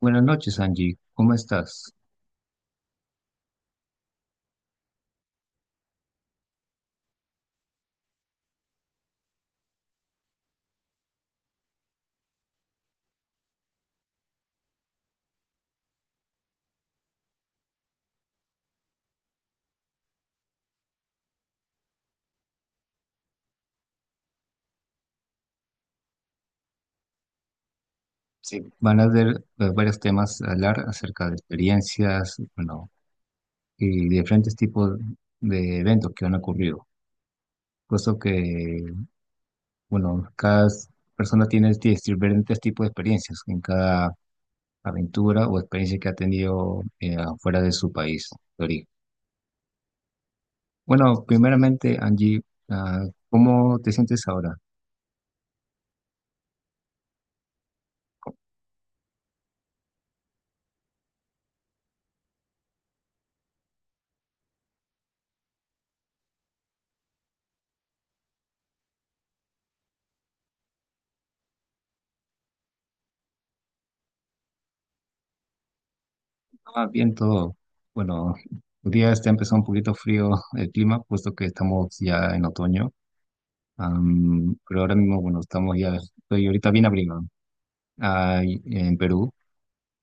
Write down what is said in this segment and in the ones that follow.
Buenas noches, Angie. ¿Cómo estás? Sí, van a haber varios temas a hablar acerca de experiencias, bueno, y diferentes tipos de eventos que han ocurrido. Puesto que, bueno, cada persona tiene diferentes tipos de experiencias en cada aventura o experiencia que ha tenido afuera de su país de origen. Bueno, primeramente, Angie, ah, ¿cómo te sientes ahora? Ah, bien todo. Bueno, el día este empezó un poquito frío el clima, puesto que estamos ya en otoño. Pero ahora mismo, bueno, estoy ahorita bien abrigado en Perú,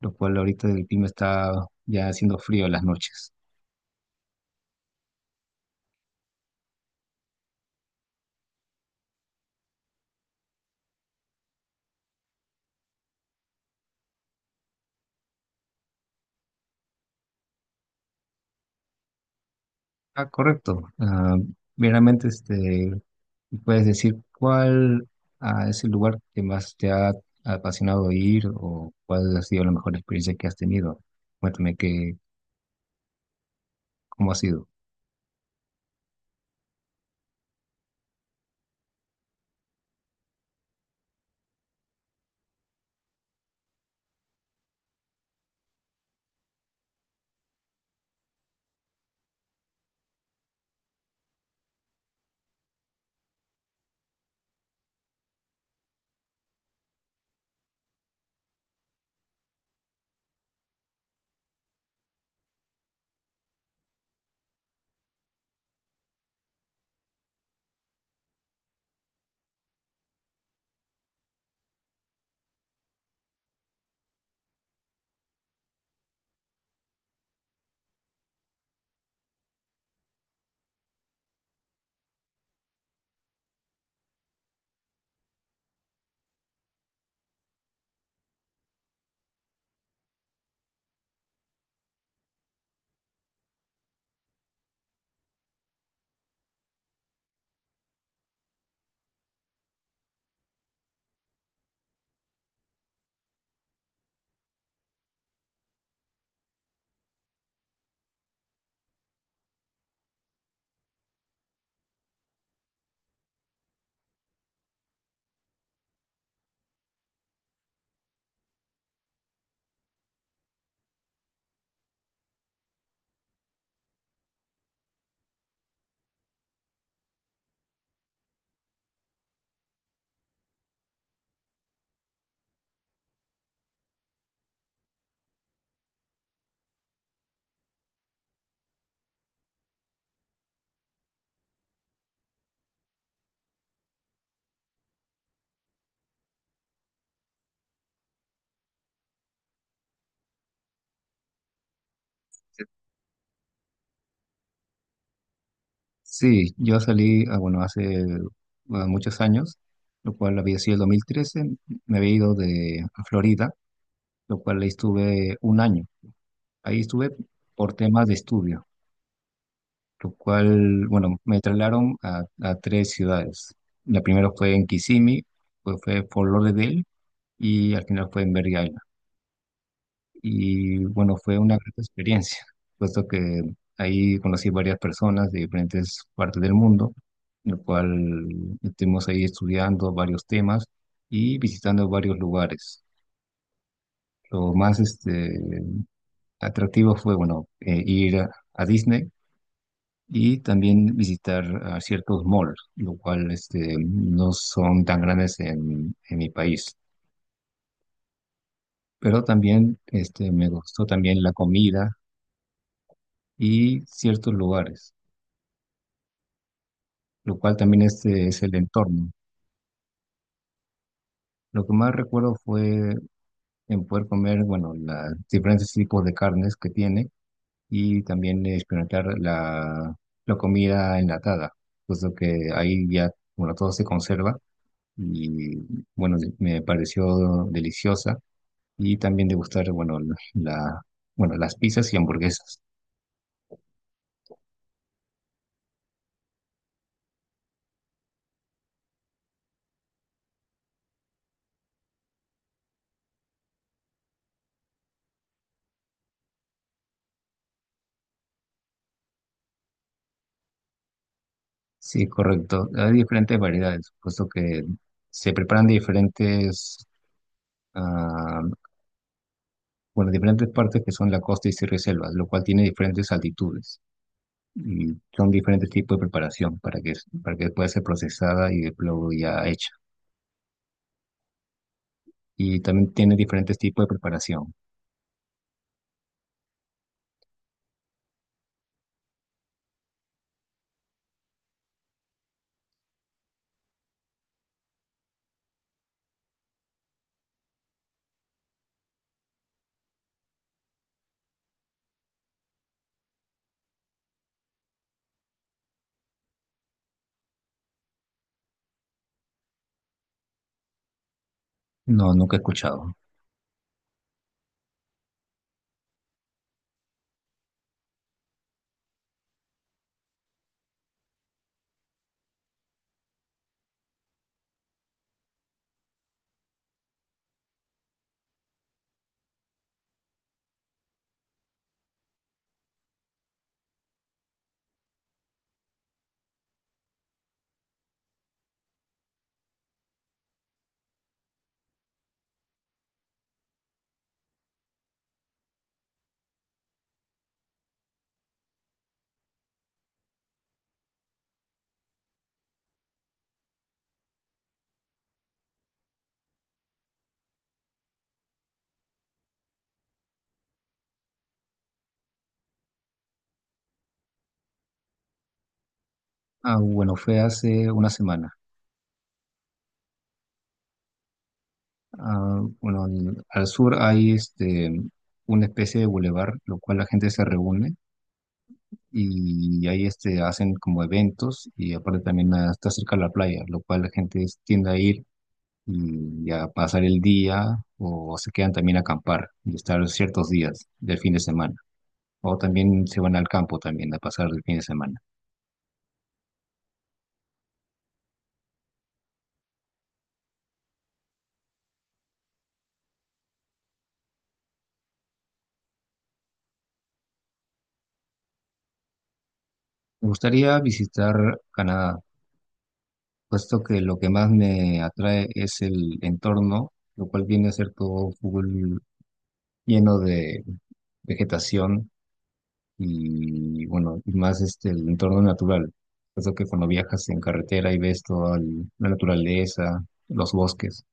lo cual ahorita el clima está ya haciendo frío en las noches. Ah, correcto. Meramente, este, ¿puedes decir cuál es el lugar que más te ha apasionado ir o cuál ha sido la mejor experiencia que has tenido? Cuéntame que, cómo ha sido. Sí, yo salí, ah, bueno, hace muchos años, lo cual había sido el 2013. Me había ido de a Florida, lo cual ahí estuve un año. Ahí estuve por temas de estudio, lo cual, bueno, me trasladaron a tres ciudades. La primera fue en Kissimmee, pues fue Fort Lauderdale y al final fue en Berry. Y bueno, fue una gran experiencia, puesto que ahí conocí varias personas de diferentes partes del mundo, en lo cual estuvimos ahí estudiando varios temas y visitando varios lugares. Lo más atractivo fue, bueno, ir a Disney, y también visitar a ciertos malls, lo cual este, no son tan grandes en mi país. Pero también este, me gustó también la comida y ciertos lugares, lo cual también este es el entorno. Lo que más recuerdo fue en poder comer, bueno, los diferentes tipos de carnes que tiene, y también experimentar la, la comida enlatada, puesto que ahí ya, bueno, todo se conserva y, bueno, me pareció deliciosa, y también degustar, bueno, la, bueno, las pizzas y hamburguesas. Sí, correcto. Hay diferentes variedades, puesto que se preparan de diferentes ah, por las diferentes partes que son la costa y sierra y selvas, lo cual tiene diferentes altitudes y son diferentes tipos de preparación para que pueda ser procesada y de luego ya hecha. Y también tiene diferentes tipos de preparación. No, nunca he escuchado. Ah, bueno, fue hace una semana. Ah, bueno, al sur hay este, una especie de bulevar, lo cual la gente se reúne y ahí este, hacen como eventos, y aparte también ah, está cerca de la playa, lo cual la gente tiende a ir y a pasar el día, o se quedan también a acampar y estar ciertos días del fin de semana. O también se van al campo también a pasar el fin de semana. Me gustaría visitar Canadá, puesto que lo que más me atrae es el entorno, lo cual viene a ser todo full lleno de vegetación, y bueno, y más este el entorno natural. Puesto que cuando viajas en carretera y ves la naturaleza, los bosques.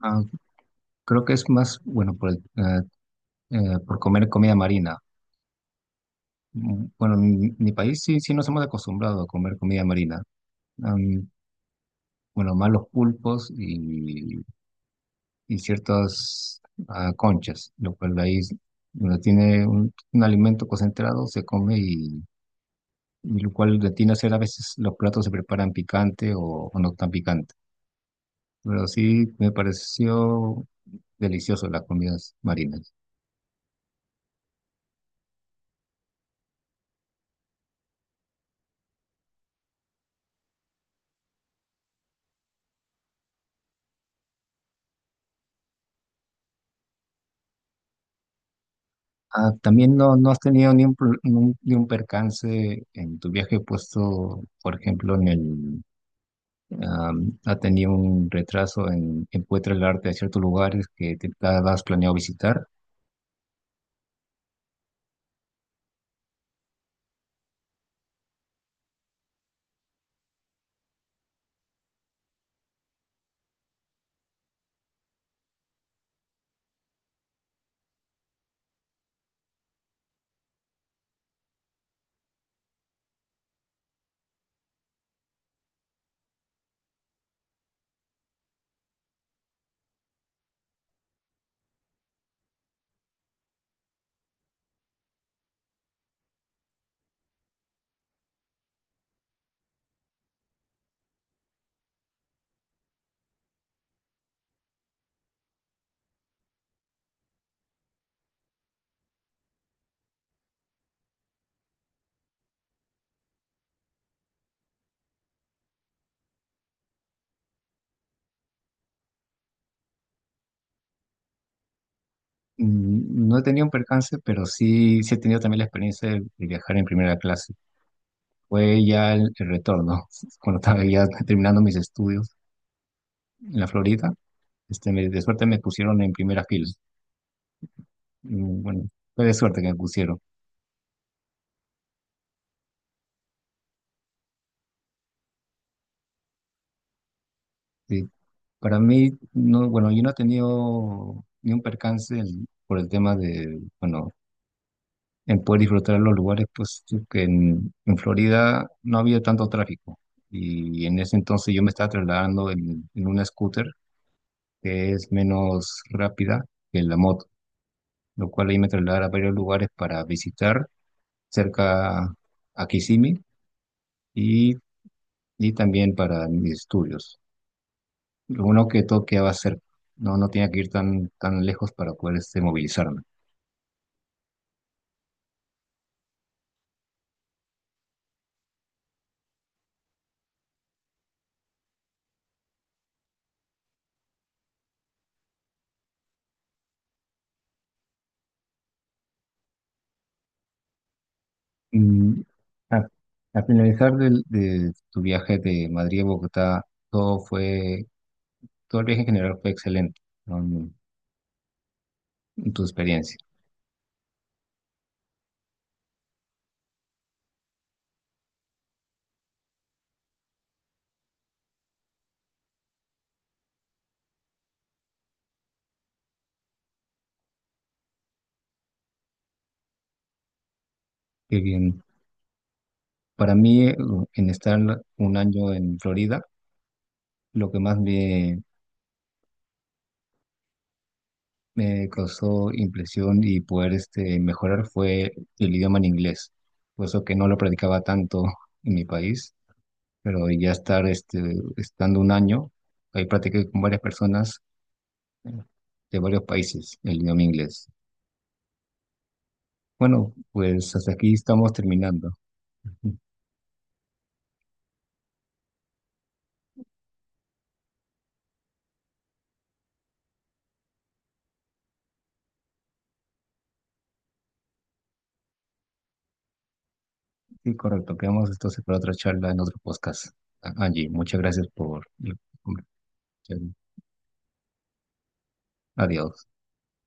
Ah, creo que es más, bueno, por comer comida marina. Mm, bueno, en mi, mi país sí, sí nos hemos acostumbrado a comer comida marina. Am, bueno, más los pulpos y ciertas conchas, lo cual donde tiene un alimento concentrado se come, y lo cual de tiene a ser a veces los platos se preparan picante, o no tan picante. Pero sí me pareció delicioso las comidas marinas. Ah, también no, no has tenido ni un, pro- ni un, ni un percance en tu viaje puesto, por ejemplo, ha tenido un retraso en Encuentra el arte en ciertos lugares que te has planeado visitar. Mm, no he tenido un percance, pero sí, sí he tenido también la experiencia de viajar en primera clase. Fue ya el retorno, cuando estaba ya terminando mis estudios en la Florida, este, de suerte me pusieron en primera fila. Mm, bueno, fue de suerte que me pusieron. Sí. Para mí, no, bueno, yo no he tenido ni un percance por el tema de, bueno, en poder disfrutar los lugares, pues que en Florida no había tanto tráfico. Y en ese entonces yo me estaba trasladando en una scooter, que es menos rápida que la moto, lo cual ahí me trasladaba a varios lugares para visitar cerca a Kissimmee y, y también para mis estudios. Lo uno que todo quedaba cerca, no, no tenía que ir tan, tan lejos para poder este, movilizarme. Mm, a- Al finalizar de tu viaje de Madrid a Bogotá, todo fue, todo el viaje en general fue excelente, ¿no? En tu experiencia. Qué bien. Para mí, en estar un año en Florida, lo que más me, me causó impresión y poder este, mejorar fue el idioma en inglés, puesto que no lo practicaba tanto en mi país, pero ya estar este, estando un año, ahí practiqué con varias personas de varios países, el idioma inglés. Bueno, pues hasta aquí estamos terminando. Sí, correcto. Quedamos entonces para otra charla en otro podcast. Angie, muchas gracias por... el- Adiós.